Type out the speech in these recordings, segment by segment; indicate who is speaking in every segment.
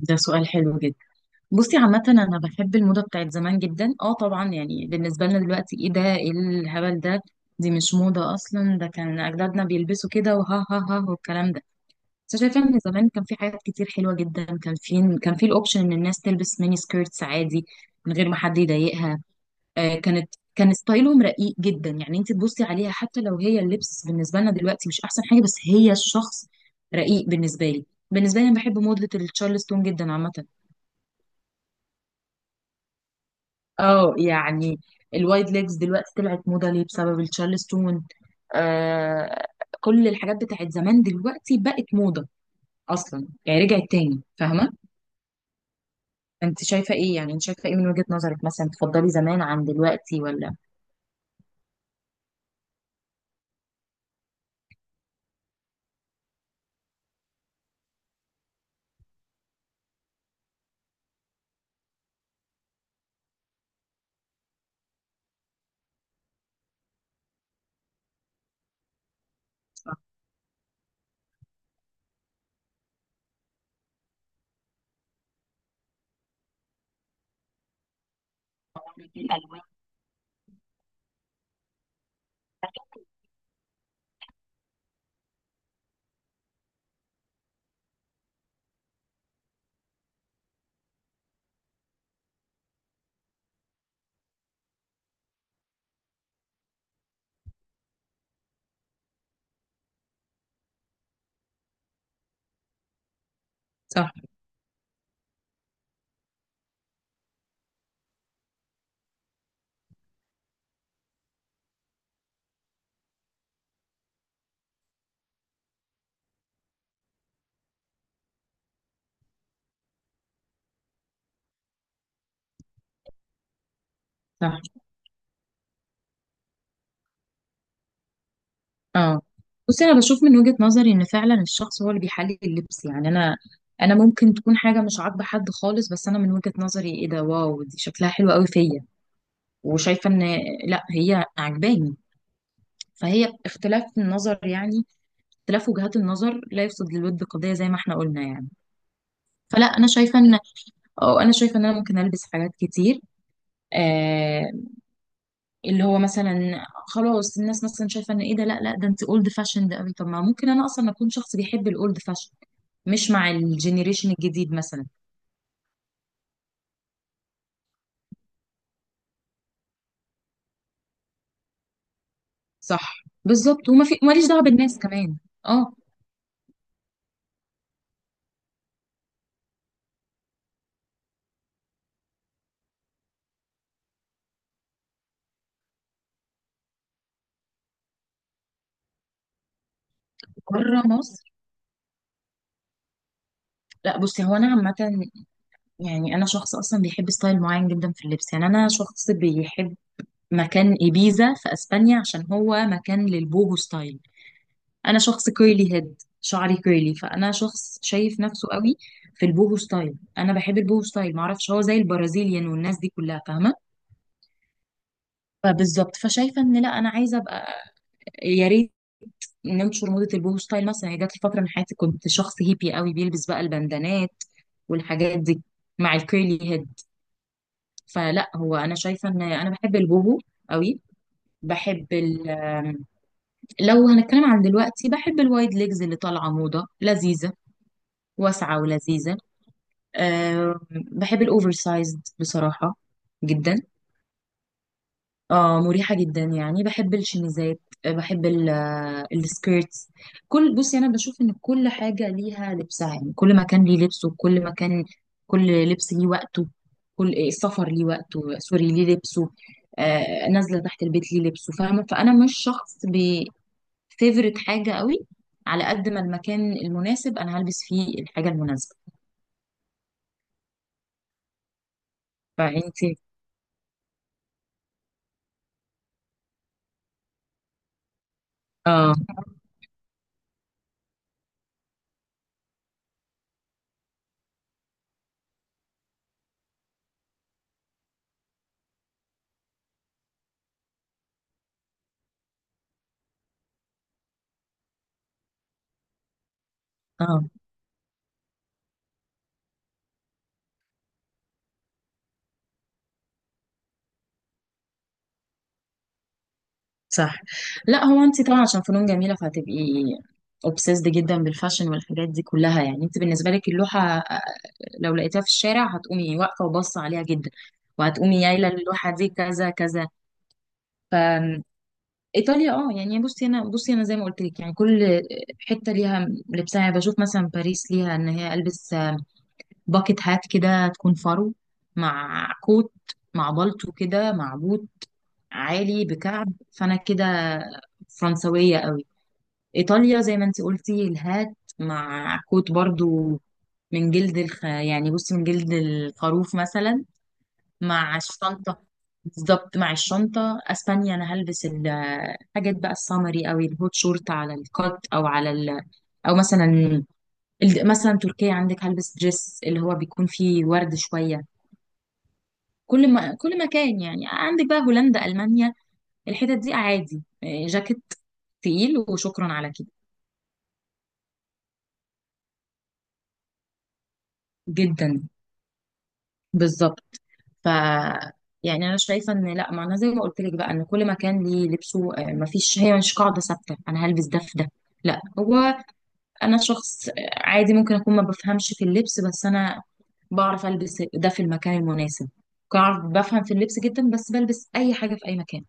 Speaker 1: ده سؤال حلو جدا. بصي، عامة أنا بحب الموضة بتاعت زمان جدا. اه طبعا يعني بالنسبة لنا دلوقتي، ايه ده، ايه الهبل ده، دي مش موضة أصلا، ده كان أجدادنا بيلبسوا كده وها ها ها والكلام ده. بس أنا شايفة إن زمان كان في حاجات كتير حلوة جدا. كان في الأوبشن إن الناس تلبس ميني سكيرتس عادي من غير ما حد يضايقها. آه، كان ستايلهم رقيق جدا، يعني أنت تبصي عليها حتى لو هي اللبس بالنسبة لنا دلوقتي مش أحسن حاجة، بس هي الشخص رقيق. بالنسبة لي أنا بحب موضة التشارلستون جدا عامة. اه يعني الوايد ليجز دلوقتي طلعت موضة ليه؟ بسبب التشارلستون. آه. كل الحاجات بتاعت زمان دلوقتي بقت موضة اصلا، يعني رجعت تاني، فاهمة. انت شايفة ايه يعني؟ انت شايفة ايه من وجهة نظرك؟ مثلا تفضلي زمان عن دلوقتي ولا؟ الألوان. صح، صح. اه، بصي انا بشوف من وجهة نظري ان فعلا الشخص هو اللي بيحلل اللبس، يعني انا، انا ممكن تكون حاجه مش عاجبه حد خالص، بس انا من وجهة نظري ايه ده، واو دي شكلها حلو قوي فيا، وشايفه ان لا هي عجباني. فهي اختلاف النظر يعني، اختلاف وجهات النظر لا يفسد للود قضية، زي ما احنا قلنا يعني. فلا انا شايفة ان، اه انا شايفة ان انا ممكن البس حاجات كتير، آه، اللي هو مثلا خلاص الناس مثلا شايفة ان ايه ده، لا ده انت اولد فاشند قوي. طب ما ممكن انا اصلا اكون شخص بيحب الاولد فاشن، مش مع الجينيريشن الجديد مثلا. صح بالظبط، وما في، ماليش دعوة بالناس كمان. اه، بره مصر. لا بصي هو انا عامة، يعني انا شخص اصلا بيحب ستايل معين جدا في اللبس. يعني انا شخص بيحب مكان إبيزا في أسبانيا، عشان هو مكان للبوهو ستايل. أنا شخص كيرلي هيد، شعري كيرلي، فأنا شخص شايف نفسه قوي في البوهو ستايل. أنا بحب البوهو ستايل، معرفش هو زي البرازيليان والناس دي كلها، فاهمة؟ فبالظبط، فشايفة إن لا، أنا عايزة أبقى، يا ريت، ننشر موضة البوهو ستايل مثلا. هي جات لي فترة من حياتي كنت شخص هيبي قوي، بيلبس بقى البندانات والحاجات دي مع الكيرلي هيد. فلا هو أنا شايفة إن أنا بحب البوهو قوي. بحب، لو هنتكلم عن دلوقتي، بحب الوايد ليجز اللي طالعه موضه لذيذه، واسعه ولذيذه. أه بحب الاوفر سايزد بصراحه جدا. اه مريحه جدا، يعني بحب الشميزات، آه، بحب ال-، آه، السكيرتس. كل، بصي انا بشوف ان كل حاجه ليها لبسها، يعني كل مكان ليه لبسه. كل لبس ليه وقته. كل إيه، السفر ليه وقته، سوري ليه لبسه، آه، نازله تحت البيت ليه لبسه، فاهمه. فانا مش شخص فيفرت حاجة قوي، على قد ما المكان المناسب انا هلبس فيه الحاجة المناسبة. فانت، اه. اه صح. لا هو انت طبعا عشان فنون جميلة فهتبقي obsessed جدا بالفاشن والحاجات دي كلها. يعني انت بالنسبة لك اللوحة، آه، لو لقيتها في الشارع هتقومي واقفة وباصة عليها جدا، وهتقومي يايلة اللوحة دي كذا كذا. ف، ايطاليا، اه يعني بصي انا، بصي انا زي ما قلت لك، يعني كل حتة ليها لبسها. يعني بشوف مثلا باريس ليها ان هي البس باكت هات كده تكون فرو، مع كوت، مع بالطو كده، مع بوت عالي بكعب، فانا كده فرنسوية قوي. ايطاليا زي ما انت قلتي الهات، مع كوت برضو، من جلد الخ... يعني بصي من جلد الخروف مثلا، مع الشنطة. بالظبط، مع الشنطة. اسبانيا انا هلبس الحاجات بقى السمري او الهوت شورت على الكات او على ال...، او مثلا مثلا تركيا عندك، هلبس دريس اللي هو بيكون فيه ورد شوية. كل ما كل مكان يعني، عندك بقى هولندا، ألمانيا، الحتت دي عادي، آه، جاكيت تقيل وشكرا على كده. جدا، بالظبط. ف، يعني انا شايفه ان لا، ما انا زي ما قلت لك بقى ان كل مكان ليه لبسه، آه، ما فيش، هي مش قاعده ثابته انا هلبس ده في ده، لا. هو انا شخص، آه، عادي ممكن اكون ما بفهمش في اللبس، بس انا بعرف البس ده في المكان المناسب. بعرف، بفهم في اللبس جدا، بس بلبس اي حاجه في اي مكان.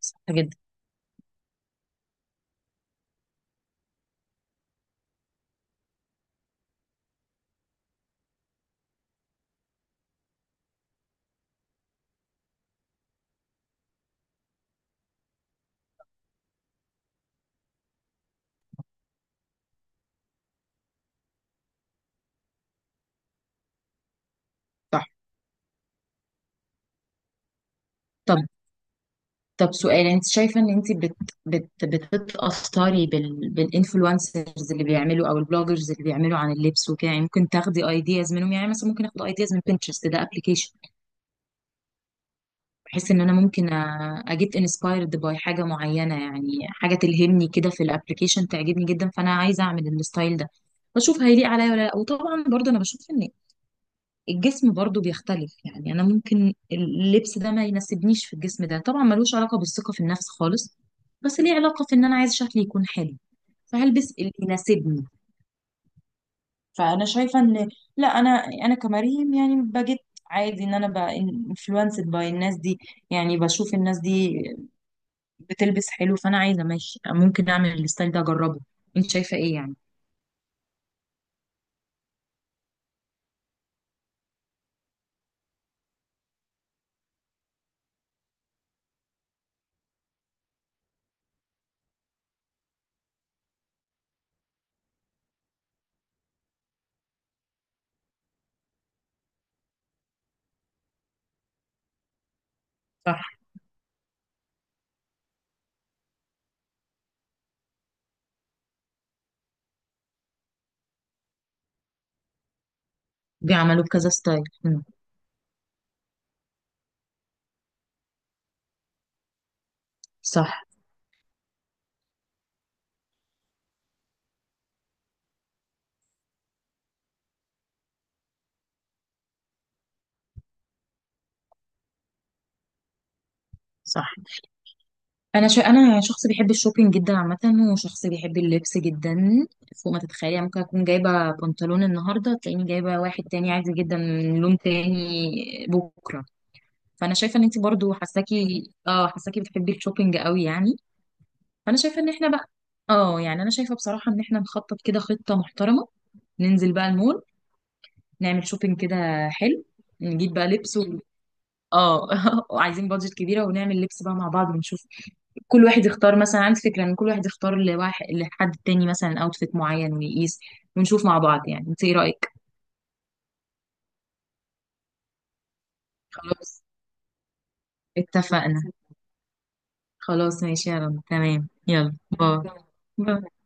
Speaker 1: صح جدا. صح. طب، طب سؤال، انت شايفه ان انت بتتاثري بالانفلونسرز اللي بيعملوا او البلوجرز اللي بيعملوا عن اللبس وكده؟ يعني ممكن تاخدي ايدياز منهم، يعني مثلا ممكن اخد ايدياز من بنترست، ده ابلكيشن، بحيث ان انا ممكن اجيت انسبايرد باي حاجه معينه، يعني حاجه تلهمني كده في الابلكيشن تعجبني جدا، فانا عايزه اعمل الستايل ده، بشوف هيليق عليا ولا لا. وطبعا برضه انا بشوف ان الجسم برضو بيختلف، يعني انا ممكن اللبس ده ما يناسبنيش في الجسم ده. طبعا ملوش علاقة بالثقة في النفس خالص، بس ليه علاقة في ان انا عايز شكلي يكون حلو، فهلبس اللي يناسبني. فانا شايفة ان، لا انا، انا كمريم يعني بجد، عادي ان انا بقى انفلونسد باي الناس دي، يعني بشوف الناس دي بتلبس حلو، فانا عايزة ماشي ممكن اعمل الستايل ده، اجربه. انت شايفة ايه يعني؟ صح، بيعملوا كذا ستايل. صح، صح. انا شخص بيحب الشوبينج جدا عامه، وشخص بيحب اللبس جدا فوق ما تتخيلي. يعني ممكن اكون جايبه بنطلون النهارده تلاقيني جايبه واحد تاني عادي جدا، لون تاني بكره. فانا شايفه ان انت برضو حساكي، اه حساكي بتحبي الشوبينج قوي يعني. فانا شايفه ان احنا بقى، اه يعني انا شايفه بصراحه ان احنا نخطط كده خطه محترمه، ننزل بقى المول، نعمل شوبينج كده حلو، نجيب بقى لبس و...، اه وعايزين بادجت كبيره، ونعمل لبس بقى مع بعض ونشوف. كل واحد يختار، مثلا عندي فكرة ان كل واحد يختار لواحد، لحد تاني مثلا اوتفيت معين ويقيس، ونشوف مع بعض. يعني انت ايه رأيك؟ خلاص اتفقنا. خلاص ماشي، يا رب، تمام، يلا باي. باي.